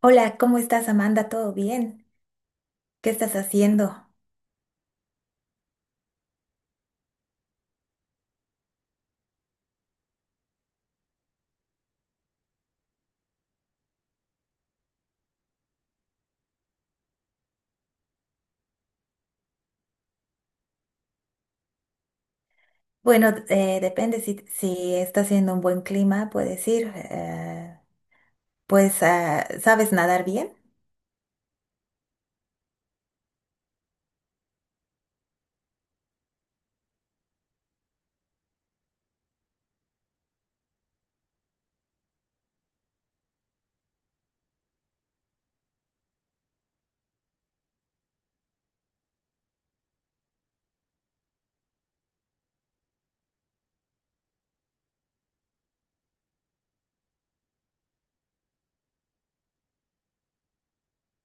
Hola, ¿cómo estás, Amanda? ¿Todo bien? ¿Qué estás haciendo? Bueno, depende si está haciendo un buen clima, puedes ir. Pues, ah, ¿sabes nadar bien?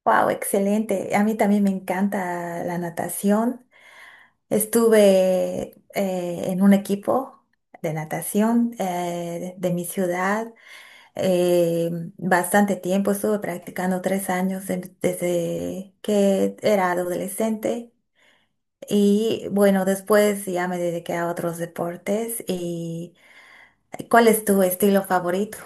¡Wow! Excelente. A mí también me encanta la natación. Estuve en un equipo de natación de mi ciudad eh, bastante tiempo. Estuve practicando tres años desde que era adolescente. Y bueno, después ya me dediqué a otros deportes. ¿Y cuál es tu estilo favorito?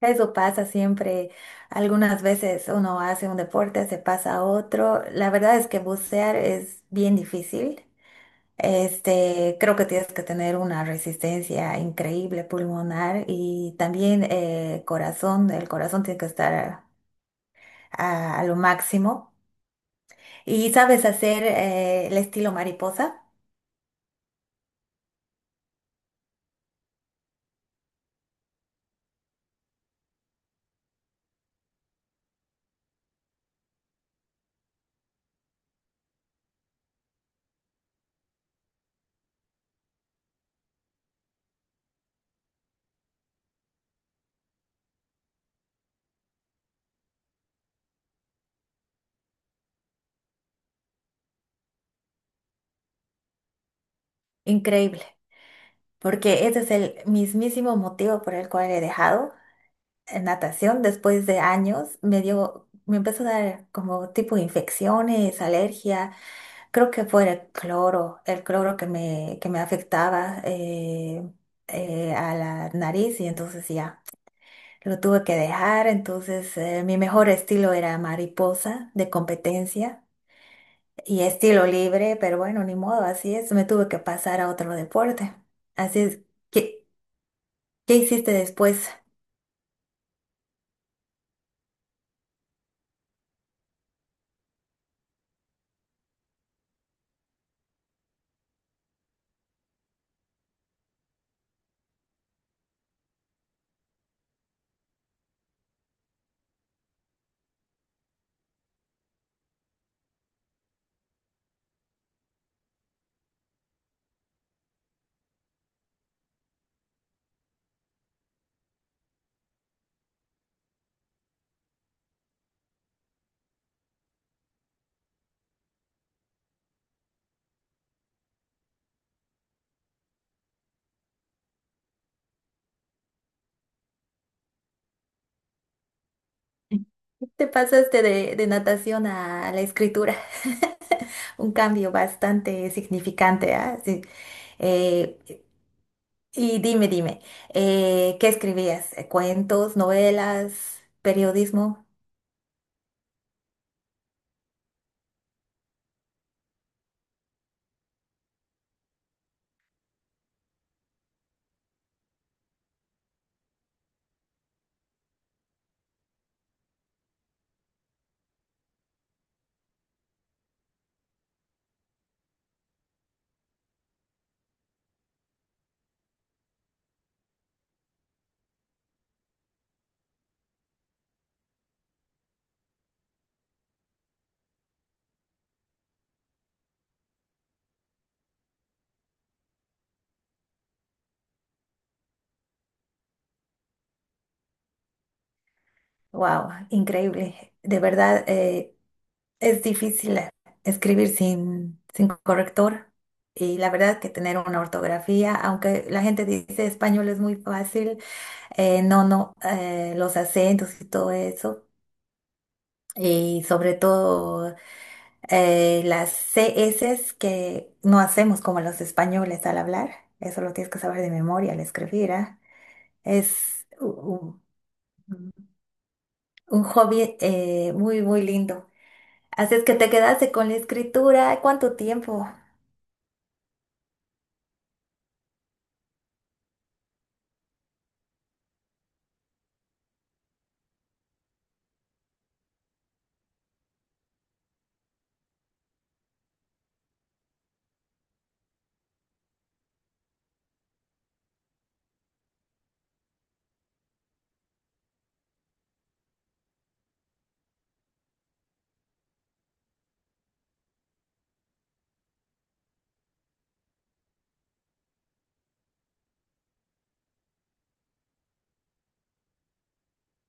Eso pasa siempre. Algunas veces uno hace un deporte, se pasa a otro. La verdad es que bucear es bien difícil. Este, creo que tienes que tener una resistencia increíble pulmonar y también corazón. El corazón tiene que estar a lo máximo. ¿Y sabes hacer el estilo mariposa? Increíble. Porque ese es el mismísimo motivo por el cual he dejado natación. Después de años me empezó a dar como tipo infecciones, alergia. Creo que fue el cloro que me afectaba a la nariz y entonces ya. Lo tuve que dejar, entonces mi mejor estilo era mariposa de competencia y estilo libre, pero bueno, ni modo, así es, me tuve que pasar a otro deporte. Así es, que ¿Qué hiciste después? Te pasaste de natación a la escritura, un cambio bastante significante, ¿ah? Sí. Eh, y dime, dime, ¿qué escribías? ¿Cuentos, novelas, periodismo? Wow, increíble. De verdad, es difícil escribir sin corrector. Y la verdad que tener una ortografía, aunque la gente dice español es muy fácil, no, no, los acentos y todo eso. Y sobre todo las CS que no hacemos como los españoles al hablar, eso lo tienes que saber de memoria al escribir, ¿ah? Es un, hobby muy, muy lindo. Así es que te quedaste con la escritura, ¿cuánto tiempo?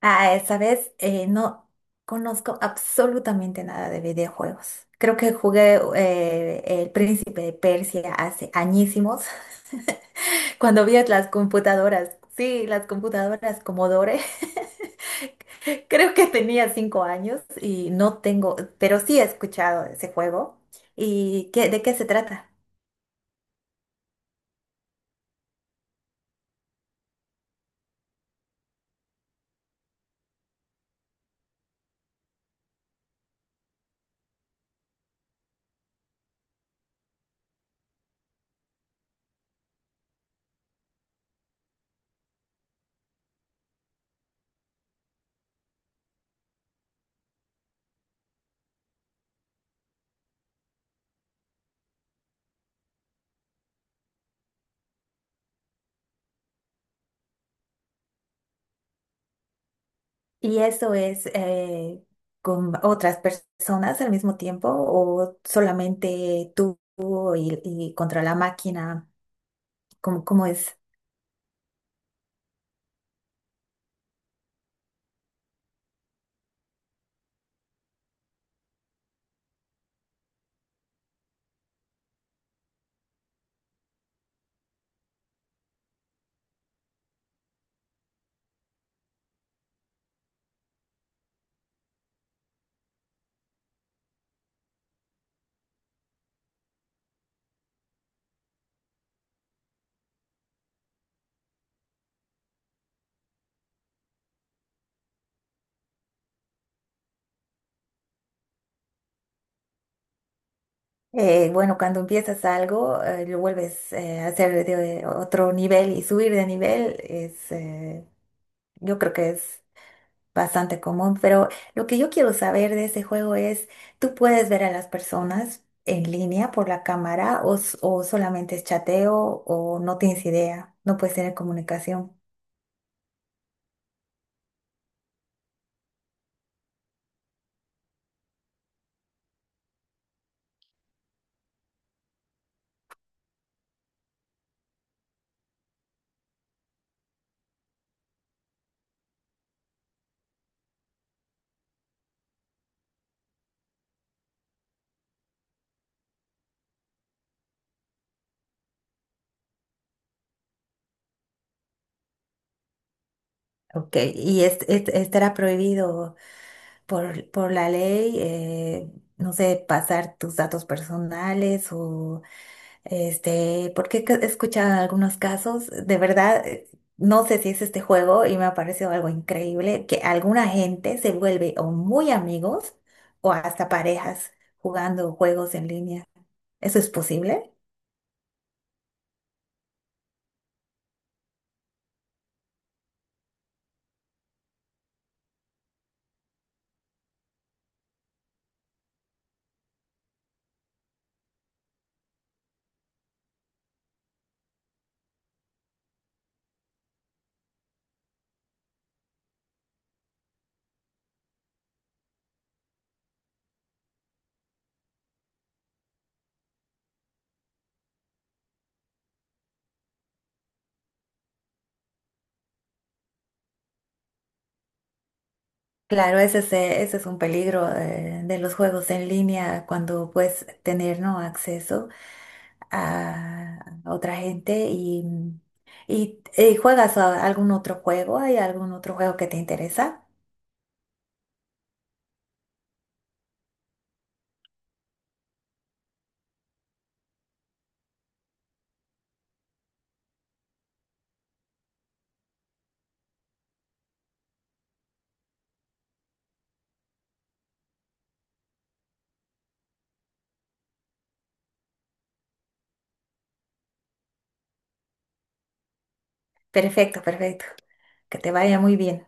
Ah, esa vez no conozco absolutamente nada de videojuegos. Creo que jugué El Príncipe de Persia hace añísimos. Cuando vi las computadoras, sí, las computadoras Commodore, creo que tenía cinco años y no tengo, pero sí he escuchado ese juego. ¿Y de qué se trata? ¿Y eso es con otras personas al mismo tiempo o solamente tú y contra la máquina? ¿Cómo es? Bueno, cuando empiezas algo, lo vuelves a hacer de otro nivel y subir de nivel es, yo creo que es bastante común, pero lo que yo quiero saber de ese juego es, ¿tú puedes ver a las personas en línea por la cámara o, o solamente es chateo o no tienes idea? No puedes tener comunicación. Ok, y estará prohibido por la ley, no sé, pasar tus datos personales o Este, porque he escuchado algunos casos, de verdad, no sé si es este juego y me ha parecido algo increíble, que alguna gente se vuelve o muy amigos o hasta parejas jugando juegos en línea. ¿Eso es posible? Claro, ese es un peligro de, los juegos en línea cuando puedes tener, ¿no? acceso a otra gente y, juegas a algún otro juego, ¿hay algún otro juego que te interesa? Perfecto, perfecto. Que te vaya muy bien.